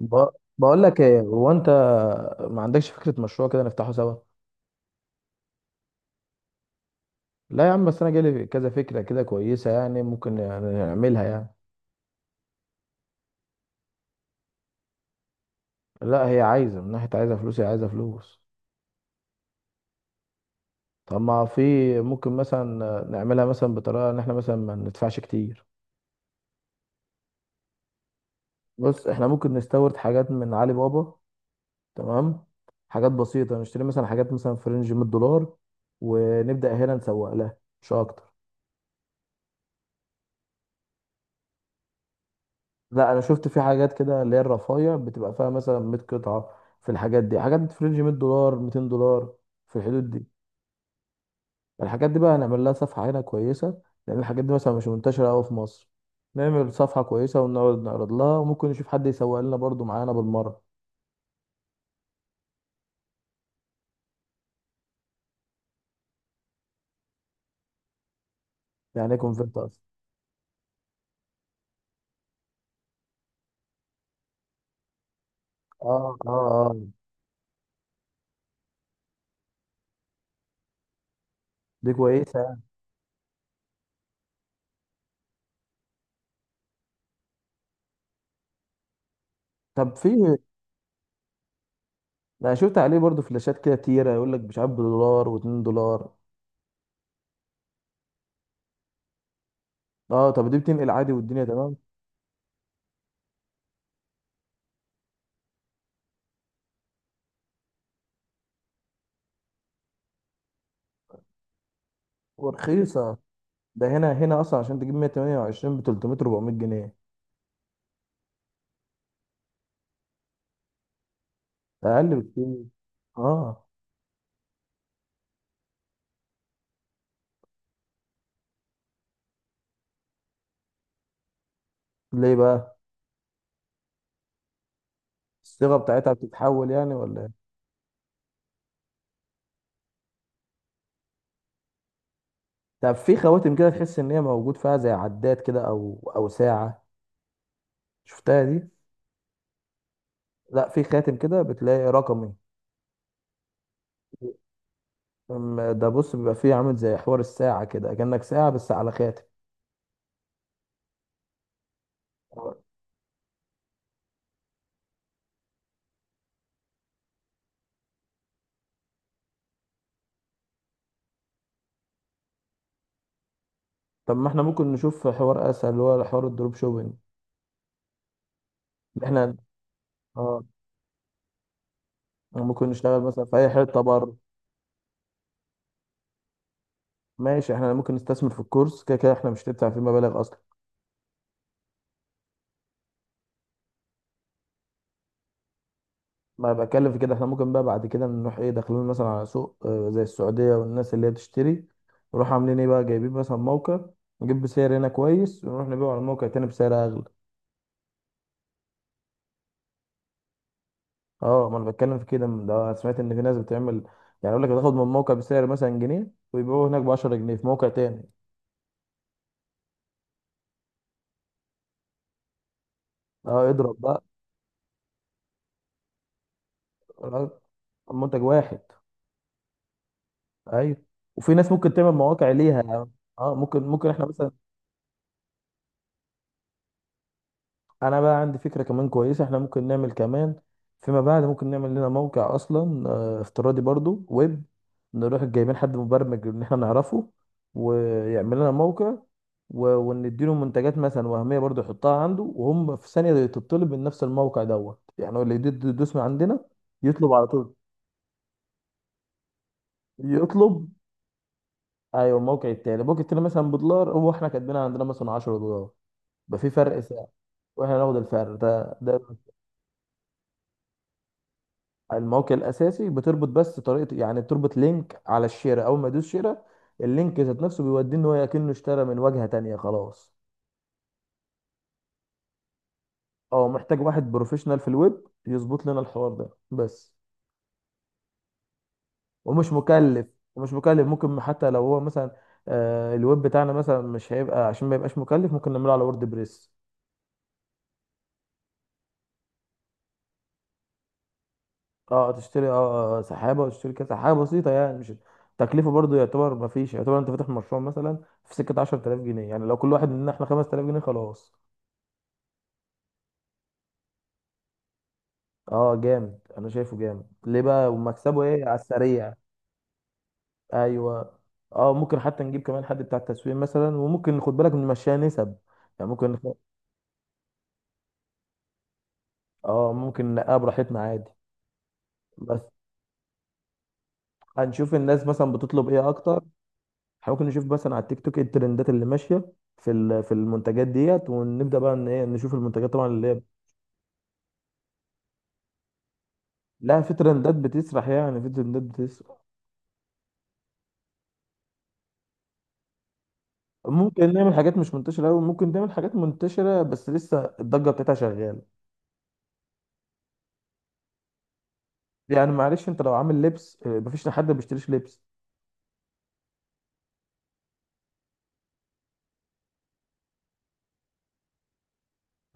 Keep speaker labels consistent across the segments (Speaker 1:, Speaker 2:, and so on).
Speaker 1: ب... بقول لك ايه، هو انت ما عندكش فكره مشروع كده نفتحه سوا؟ لا يا عم، بس انا جالي كذا فكره كده كويسه، يعني ممكن يعني نعملها يعني. لا هي عايزه، من ناحيه عايزه فلوس، هي عايزه فلوس. طب ما في ممكن مثلا نعملها مثلا بطريقه ان احنا مثلا ما ندفعش كتير. بص احنا ممكن نستورد حاجات من علي بابا، تمام؟ حاجات بسيطه نشتري مثلا حاجات مثلا في رينج 100 دولار ونبدا هنا نسوق لها مش اكتر. لا انا شفت في حاجات كده اللي هي الرفايع بتبقى فيها مثلا 100 قطعه. في الحاجات دي حاجات في رينج 100 دولار، 200 دولار، في الحدود دي يعني. الحاجات دي بقى هنعمل لها صفحه هنا كويسه، لان الحاجات دي مثلا مش منتشره قوي في مصر. نعمل صفحه كويسه ونقعد نعرض لها، وممكن نشوف حد يسوق لنا برضو معانا بالمره. يعني يكون في اصلا. اه، دي كويسه يعني. طب في انا شفت عليه برضو فلاشات كده تيره، يقول لك مش عارف بدولار و2 دولار. اه طب دي بتنقل عادي والدنيا تمام، ورخيصه. ده هنا، هنا اصلا عشان تجيب 128 ب 300 400 جنيه. اقل بكتير. اه. ليه بقى؟ الصيغه بتاعتها بتتحول يعني ولا ايه؟ طب في خواتم كده تحس ان هي موجود فيها زي عداد كده او او ساعه، شفتها دي؟ لا في خاتم كده بتلاقي رقمي. ده بص بيبقى فيه عامل زي حوار الساعه كده كأنك ساعه بس على خاتم. طب ما احنا ممكن نشوف حوار اسهل اللي هو حوار الدروب شوبينج. احنا اه ممكن نشتغل مثلا في اي حته بره. ماشي، احنا ممكن نستثمر في الكورس، كده كده احنا مش هندفع فيه مبالغ اصلا. ما بتكلم في كده، احنا ممكن بقى بعد كده نروح ايه داخلين مثلا على سوق اه، زي السعودية والناس اللي هي بتشتري. نروح عاملين ايه بقى جايبين مثلا موقع، نجيب بسعر هنا كويس ونروح نبيعه على موقع تاني بسعر اغلى. اه ما انا بتكلم في كده، من ده أنا سمعت ان في ناس بتعمل. يعني يقول لك بتاخد من موقع بسعر مثلا جنيه ويبيعوه هناك ب 10 جنيه في موقع تاني. اه اضرب بقى. اه، منتج واحد. ايوه، وفي ناس ممكن تعمل مواقع ليها يعني. اه ممكن، ممكن احنا مثلا. انا بقى عندي فكره كمان كويسه، احنا ممكن نعمل كمان فيما بعد، ممكن نعمل لنا موقع اصلا، آه، افتراضي برضو ويب. نروح جايبين حد مبرمج ان احنا نعرفه ويعمل لنا موقع، ونديله منتجات مثلا وهميه برضو يحطها عنده، وهم في ثانيه تطلب من نفس الموقع دوت، يعني هو اللي يدوس من عندنا. يطلب على طول. يطلب. ايوه الموقع التاني مثلا بدولار، هو احنا كاتبينها عندنا مثلا 10 دولار، يبقى في فرق سعر. واحنا ناخد الفرق ده. الموقع الاساسي بتربط بس طريقه، يعني بتربط لينك على الشيره، اول ما يدوس شيره اللينك ذات نفسه بيوديه ان هو كأنه اشترى من واجهه تانية، خلاص. اه محتاج واحد بروفيشنال في الويب يظبط لنا الحوار ده بس. ومش مكلف. ومش مكلف. ممكن حتى لو هو مثلا، آه الويب بتاعنا مثلا مش هيبقى، عشان ما يبقاش مكلف ممكن نعمله على وورد بريس. اه تشتري اه آه، سحابه، وتشتري كده سحابه بسيطه يعني مش تكلفه برضو، يعتبر ما فيش، يعتبر انت فاتح مشروع مثلا في سكه 10000 جنيه. يعني لو كل واحد مننا احنا 5000 جنيه خلاص. اه جامد، انا شايفه جامد. ليه بقى ومكسبه ايه على السريع؟ ايوه. اه ممكن حتى نجيب كمان حد بتاع التسويق مثلا، وممكن ناخد بالك نمشيها نسب. يعني ممكن نخ... اه ممكن نلاقيها براحتنا عادي. بس هنشوف الناس مثلا بتطلب ايه اكتر. إحنا ممكن نشوف مثلا على التيك توك ايه الترندات اللي ماشيه في ال... في المنتجات ديت، ونبدا بقى ان ايه نشوف المنتجات طبعا اللي هي. لا في ترندات بتسرح، يعني في ترندات بتسرح. ممكن نعمل حاجات مش منتشره قوي، ممكن نعمل حاجات منتشره بس لسه الضجه بتاعتها شغاله. يعني معلش انت لو عامل لبس اه، مفيش حد ما بيشتريش لبس.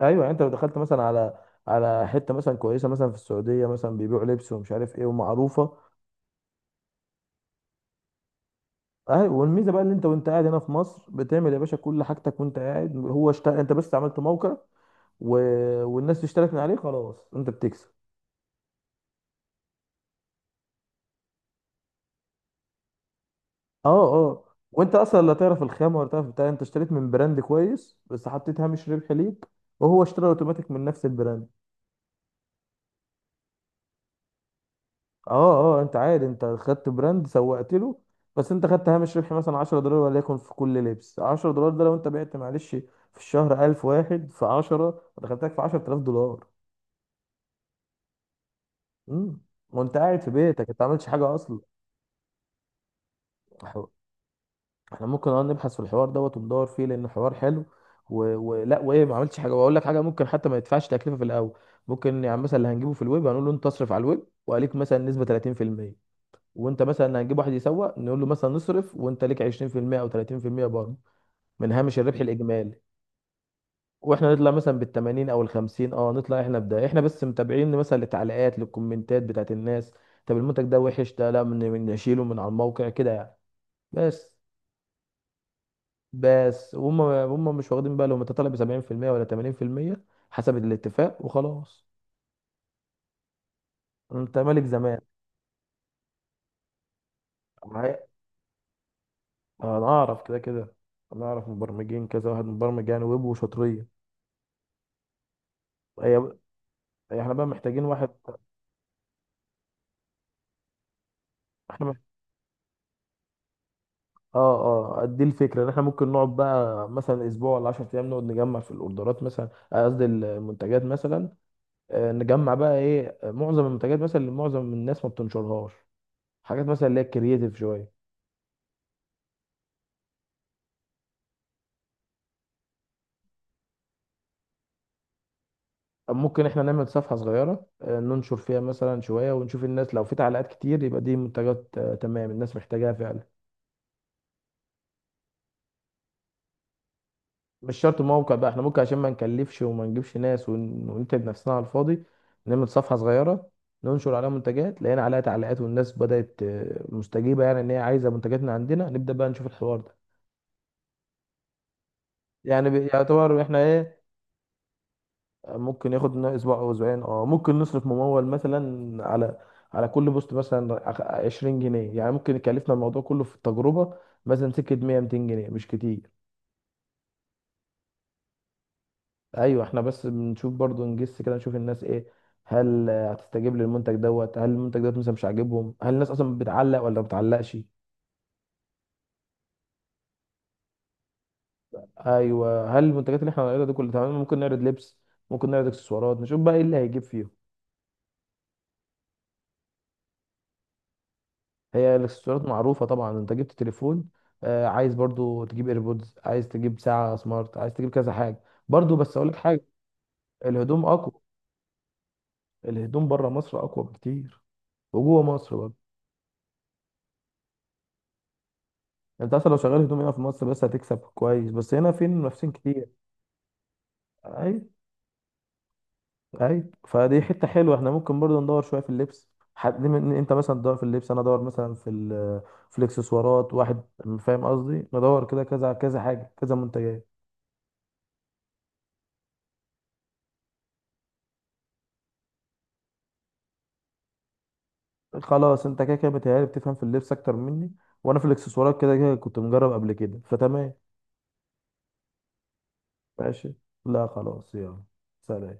Speaker 1: ايوه يعني انت لو دخلت مثلا على على حته مثلا كويسه مثلا في السعوديه مثلا بيبيعوا لبس ومش عارف ايه ومعروفه. ايوه والميزه بقى ان انت وانت قاعد هنا في مصر بتعمل يا باشا كل حاجتك وانت قاعد، هو اشتغل انت بس، عملت موقع و... والناس اشترت من عليه خلاص انت بتكسب. اه. وانت اصلا لا تعرف الخامه ولا تعرف بتاع، انت اشتريت من براند كويس بس حطيت هامش ربح ليك، وهو اشترى اوتوماتيك من نفس البراند. اه. اه انت عادي انت خدت براند سوقت له، بس انت خدت هامش ربح مثلا 10 دولار، وليكن في كل لبس 10 دولار، ده لو انت بعت معلش في الشهر 1000 واحد في 10، دخلتك في 10000 دولار. امم وانت قاعد في بيتك، انت ما عملتش حاجه اصلا. احنا إحنا ممكن اه نبحث في الحوار دوت وندور فيه، لان الحوار حلو و... ولا وايه ما عملتش حاجه. واقول لك حاجه، ممكن حتى ما يدفعش تكلفه في الاول. ممكن يعني مثلا اللي هنجيبه في الويب هنقول له انت اصرف على الويب وعليك مثلا نسبه 30%. وانت مثلا هنجيب واحد يسوق نقول له مثلا نصرف وانت ليك 20% او 30% برضه من هامش الربح الاجمالي. واحنا نطلع مثلا بال 80 او ال 50، اه نطلع احنا بده احنا بس متابعين مثلا للتعليقات للكومنتات بتاعت الناس. طب المنتج ده وحش، ده لا من نشيله من على الموقع كده يعني. بس. بس وهم مش واخدين بالهم انت طالع ب 70% ولا 80%، حسب الاتفاق وخلاص. انت مالك، زمان معايا. انا اعرف كده كده، انا اعرف مبرمجين كذا واحد مبرمج يعني ويب وشاطرين. هي احنا بقى محتاجين واحد. احنا مح... اه اه دي الفكره ان احنا ممكن نقعد بقى مثلا اسبوع ولا 10 ايام نقعد نجمع في الاوردرات مثلا آه، قصدي المنتجات مثلا آه، نجمع بقى ايه آه، معظم المنتجات مثلا اللي معظم الناس ما بتنشرهاش، حاجات مثلا اللي هي كرييتيف شويه. ممكن احنا نعمل صفحه صغيره آه، ننشر فيها مثلا شويه ونشوف الناس، لو في تعليقات كتير يبقى دي منتجات آه، تمام، الناس محتاجاها فعلا. مش شرط موقع بقى، احنا ممكن عشان ما نكلفش وما نجيبش ناس ونتعب نفسنا على الفاضي، نعمل صفحة صغيرة ننشر عليها منتجات. لقينا عليها تعليقات والناس بدأت آه، مستجيبة يعني ان هي عايزة منتجاتنا عندنا، نبدأ بقى نشوف الحوار ده. يعني يعتبر احنا ايه، ممكن ياخد لنا اسبوع او اسبوعين. اه ممكن نصرف ممول مثلا على على كل بوست مثلا 20 جنيه، يعني ممكن يكلفنا الموضوع كله في التجربة مثلا سكة 100 200 جنيه، مش كتير. ايوه، احنا بس بنشوف برضو نجس كده نشوف الناس ايه، هل آه، هتستجيب للمنتج دوت، هل المنتج دوت مثلا مش عاجبهم، هل الناس اصلا بتعلق ولا ما بتعلقش. ايوه، هل المنتجات اللي احنا هنعرضها دي كلها تمام؟ ممكن نعرض لبس، ممكن نعرض اكسسوارات، نشوف بقى ايه اللي هيجيب فيهم. هي الاكسسوارات معروفه طبعا، انت جبت تليفون آه عايز برضو تجيب ايربودز، عايز تجيب ساعه سمارت، عايز تجيب كذا حاجه برضو. بس اقول لك حاجه، الهدوم اقوى. الهدوم بره مصر اقوى بكتير، وجوه مصر برضو. انت اصلا لو شغال هدوم هنا في مصر بس هتكسب كويس، بس هنا في منافسين كتير. اي. اي فدي حته حلوه، احنا ممكن برضه ندور شويه في اللبس، حد من انت مثلا تدور في اللبس انا ادور مثلا في ال... في الاكسسوارات واحد، فاهم قصدي؟ ندور كده كذا كذا حاجه، كذا منتجات. خلاص انت كده كده بتهيألي بتفهم في اللبس اكتر مني، وانا في الاكسسوارات كده كده كنت مجرب قبل كده فتمام. ماشي، لا خلاص يلا، سلام.